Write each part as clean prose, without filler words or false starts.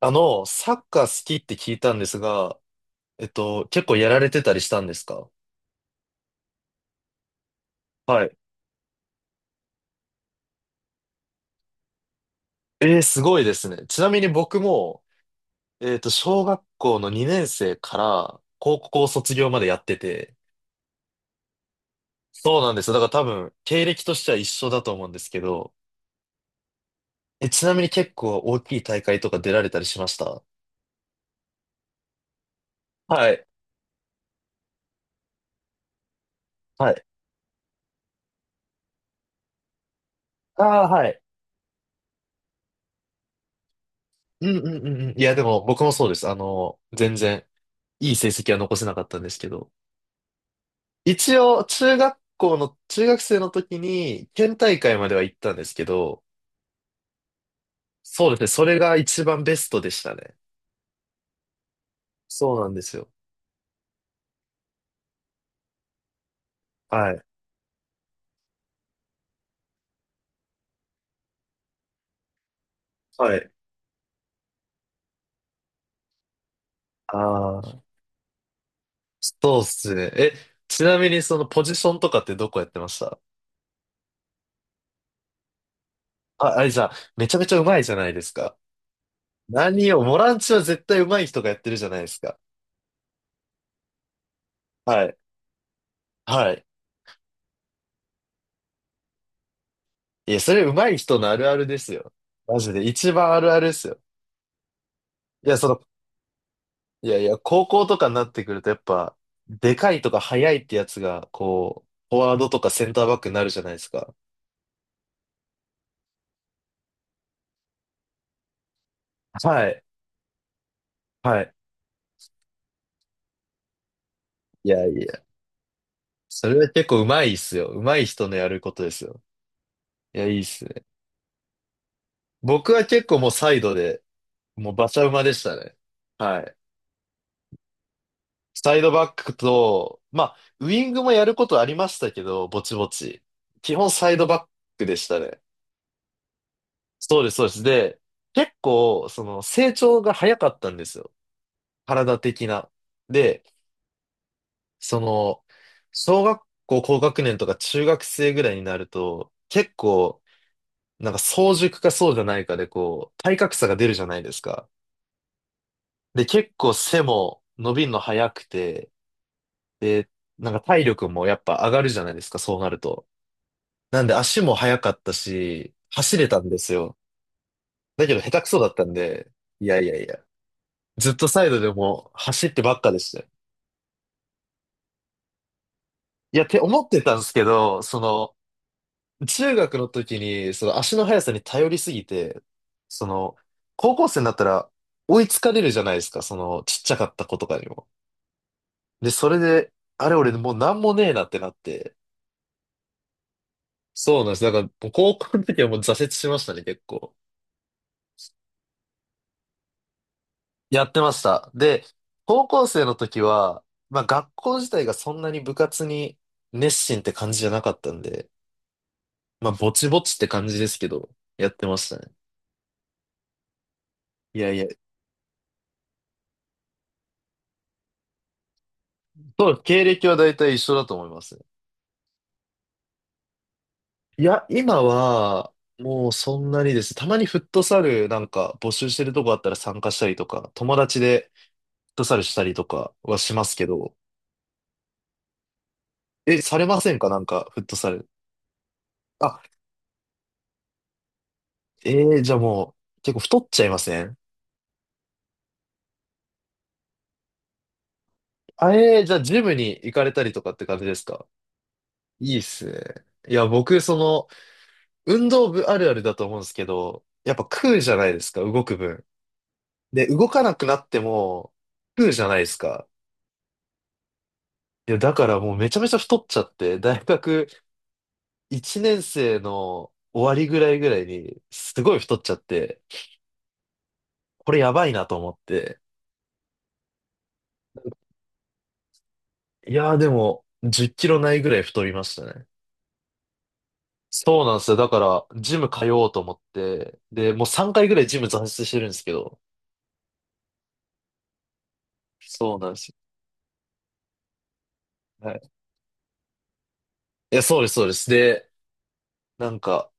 あの、サッカー好きって聞いたんですが、結構やられてたりしたんですか？はい。すごいですね。ちなみに僕も、小学校の2年生から高校卒業までやってて、そうなんですよ。だから多分、経歴としては一緒だと思うんですけど、ちなみに結構大きい大会とか出られたりしました？はい。はい。ああ、はい。うんうんうんうん。いや、でも僕もそうです。あの、全然いい成績は残せなかったんですけど。一応、中学生の時に、県大会までは行ったんですけど、そうですね、それが一番ベストでしたね。そうなんですよ。はい。はい。ああ、そうっすね。ちなみにそのポジションとかってどこやってました？あ、あれじゃあ、めちゃめちゃ上手いじゃないですか。何を、ボランチは絶対上手い人がやってるじゃないですか。はい。はい。いや、それ上手い人のあるあるですよ。マジで、一番あるあるですよ。いや、そのいやいや、高校とかになってくるとやっぱ、でかいとか速いってやつが、こう、フォワードとかセンターバックになるじゃないですか。はい。はい。いやいや、それは結構上手いっすよ。上手い人のやることですよ。いや、いいっすね。僕は結構もうサイドで、もう馬車馬でしたね。はい。サイドバックと、まあ、ウィングもやることありましたけど、ぼちぼち。基本サイドバックでしたね。そうです、そうです。で、結構、その、成長が早かったんですよ。体的な。で、その、小学校高学年とか中学生ぐらいになると、結構、なんか早熟かそうじゃないかで、こう、体格差が出るじゃないですか。で、結構背も伸びるの早くて、で、なんか体力もやっぱ上がるじゃないですか、そうなると。なんで足も速かったし、走れたんですよ。だけど下手くそだったんで、いやいやいや、ずっとサイドでも走ってばっかでしたよ。いや、って思ってたんですけど、その、中学の時に、その足の速さに頼りすぎて、その、高校生になったら追いつかれるじゃないですか、その、ちっちゃかった子とかにも。で、それで、あれ俺もうなんもねえなってなって、そうなんです。だから、もう高校の時はもう挫折しましたね、結構。やってました。で、高校生の時は、まあ学校自体がそんなに部活に熱心って感じじゃなかったんで、まあぼちぼちって感じですけど、やってましたね。いやいや、そう、経歴は大体一緒だと思いますね。いや、今は、もうそんなにです。たまにフットサルなんか募集してるとこあったら参加したりとか、友達でフットサルしたりとかはしますけど、されませんか？なんか、フットサル。あ、えじゃあもう、結構太っちゃいません？あ、じゃあジムに行かれたりとかって感じですか？いいっすね。いや、僕、その、運動部あるあるだと思うんですけど、やっぱ食うじゃないですか、動く分。で、動かなくなっても、食うじゃないですか。いや、だからもうめちゃめちゃ太っちゃって、大学1年生の終わりぐらいに、すごい太っちゃって、これやばいなと思って。いやーでも、10キロないぐらい太りましたね。そうなんですよ。だから、ジム通おうと思って、で、もう3回ぐらいジム挫折してるんですけど、そうなんですよ。はい。いや、そうです、そうです。で、なんか、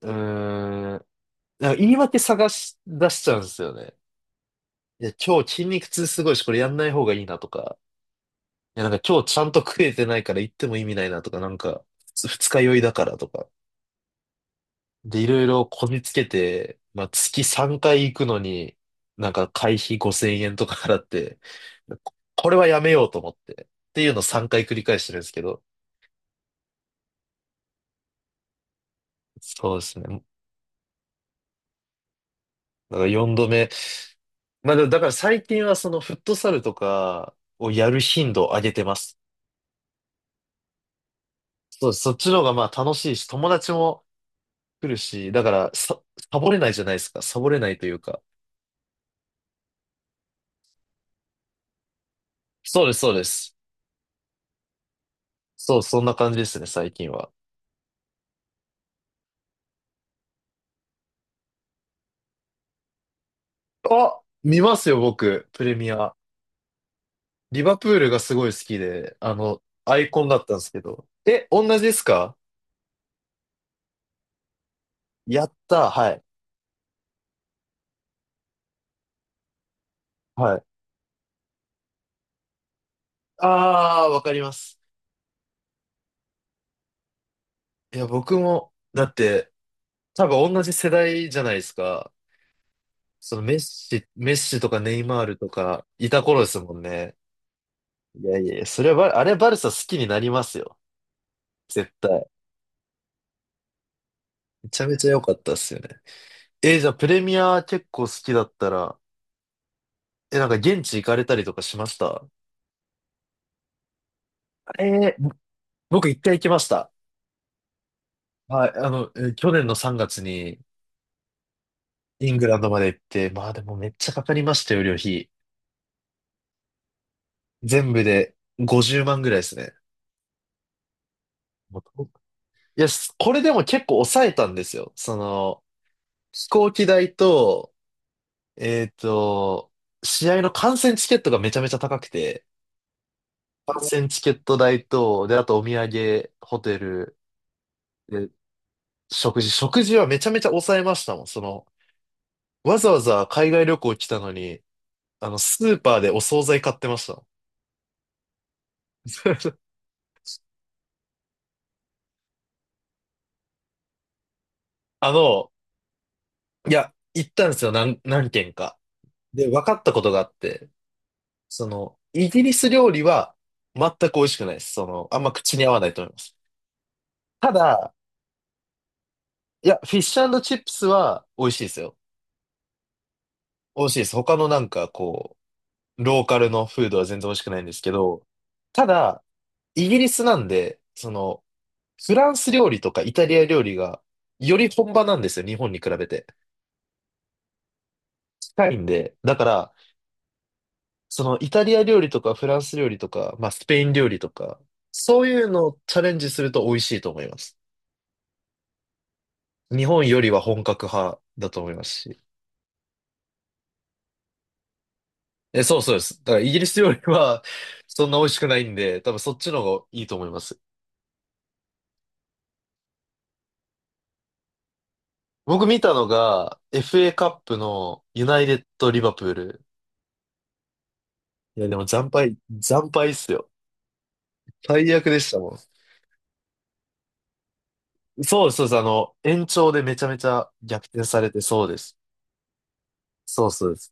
うーん、なんか言い訳探し出しちゃうんですよね。いや、今日筋肉痛すごいし、これやんない方がいいなとか、や、なんか今日ちゃんと食えてないから行っても意味ないなとか、なんか、二日酔いだからとか。で、いろいろこじつけて、まあ、月3回行くのに、なんか会費5000円とか払って、これはやめようと思って、っていうのを3回繰り返してるんですけど。そうですね。だから4度目。まあ、でもだから最近はそのフットサルとかをやる頻度を上げてます。そう、そっちの方がまあ楽しいし、友達も来るし、だからサボれないじゃないですか。サボれないというか。そうです、そうです。そう、そんな感じですね、最近は。あ、見ますよ、僕、プレミア。リバプールがすごい好きで、あの、アイコンだったんですけど。同じですか？やったー、はい。はい。あー、わかります。いや、僕も、だって、多分同じ世代じゃないですか。そのメッシとかネイマールとか、いた頃ですもんね。いやいや、それはバ、あれバルサ好きになりますよ。絶対。めちゃめちゃ良かったっすよね。じゃあプレミア結構好きだったら、なんか現地行かれたりとかしました？えー、ぼ僕一回行きました。はい、あの、去年の3月にイングランドまで行って、まあでもめっちゃかかりましたよ、旅費。全部で50万ぐらいですね。もうといや、すこれでも結構抑えたんですよ。その、飛行機代と、えっと、試合の観戦チケットがめちゃめちゃ高くて、観戦チケット代と、で、あとお土産、ホテル、で、食事はめちゃめちゃ抑えましたもん。その、わざわざ海外旅行来たのに、あの、スーパーでお惣菜買ってました。あの、いや、行ったんですよ、何軒か。で、分かったことがあって、その、イギリス料理は全く美味しくないです。その、あんま口に合わないと思います。ただ、いや、フィッシュチップスは美味しいですよ。美味しいです。他のなんかこう、ローカルのフードは全然美味しくないんですけど、ただ、イギリスなんで、その、フランス料理とかイタリア料理がより本場なんですよ、日本に比べて。近いんで。だから、そのイタリア料理とかフランス料理とか、まあスペイン料理とか、そういうのをチャレンジすると美味しいと思います。日本よりは本格派だと思いますし。そうそうです。だからイギリス料理は そんな美味しくないんで、多分そっちの方がいいと思います。僕見たのが FA カップのユナイテッドリバプール。いやでも惨敗、惨敗っすよ。最悪でしたもん。そうです、そうです。あの、延長でめちゃめちゃ逆転されて、そうです。そうそうです。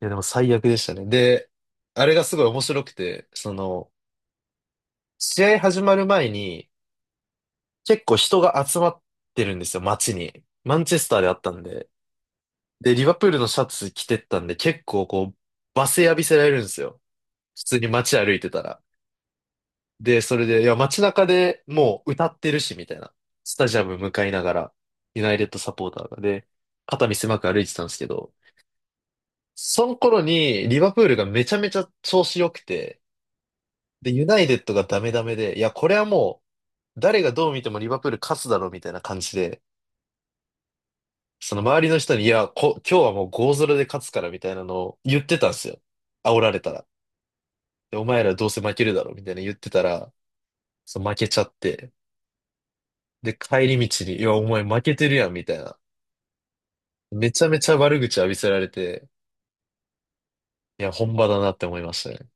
いや、でも最悪でしたね。で、あれがすごい面白くて、その、試合始まる前に、結構人が集まってるんですよ、街に。マンチェスターであったんで。で、リバプールのシャツ着てったんで、結構こう、罵声浴びせられるんですよ。普通に街歩いてたら。で、それで、いや、街中でもう歌ってるし、みたいな。スタジアム向かいながら、ユナイテッドサポーターがで、肩身狭く歩いてたんですけど、その頃にリバプールがめちゃめちゃ調子良くて、で、ユナイテッドがダメダメで、いや、これはもう、誰がどう見てもリバプール勝つだろうみたいな感じで、その周りの人に、いや、今日はもう5ロで勝つからみたいなのを言ってたんですよ。煽られたら。で、お前らどうせ負けるだろうみたいな言ってたら、そう負けちゃって、で、帰り道に、いや、お前負けてるやんみたいな。めちゃめちゃ悪口浴びせられて、いや、本場だなって思いましたね。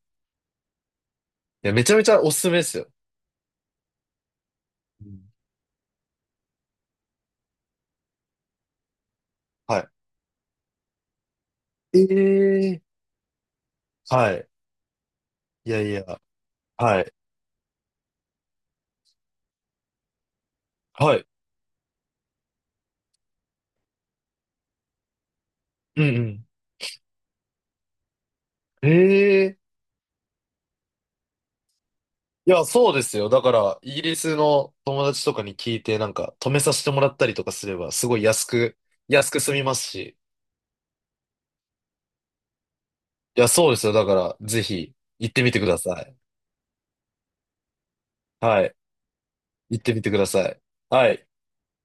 いや、めちゃめちゃおすすめですよ。うん。はい。ええ、はい。いやいや、はい、はい。うんうん。ええ、いや、そうですよ。だから、イギリスの友達とかに聞いて、なんか、止めさせてもらったりとかすれば、すごい安く、安く済みますし。いや、そうですよ。だから、ぜひ、行ってみてください。はい。行ってみてください。はい。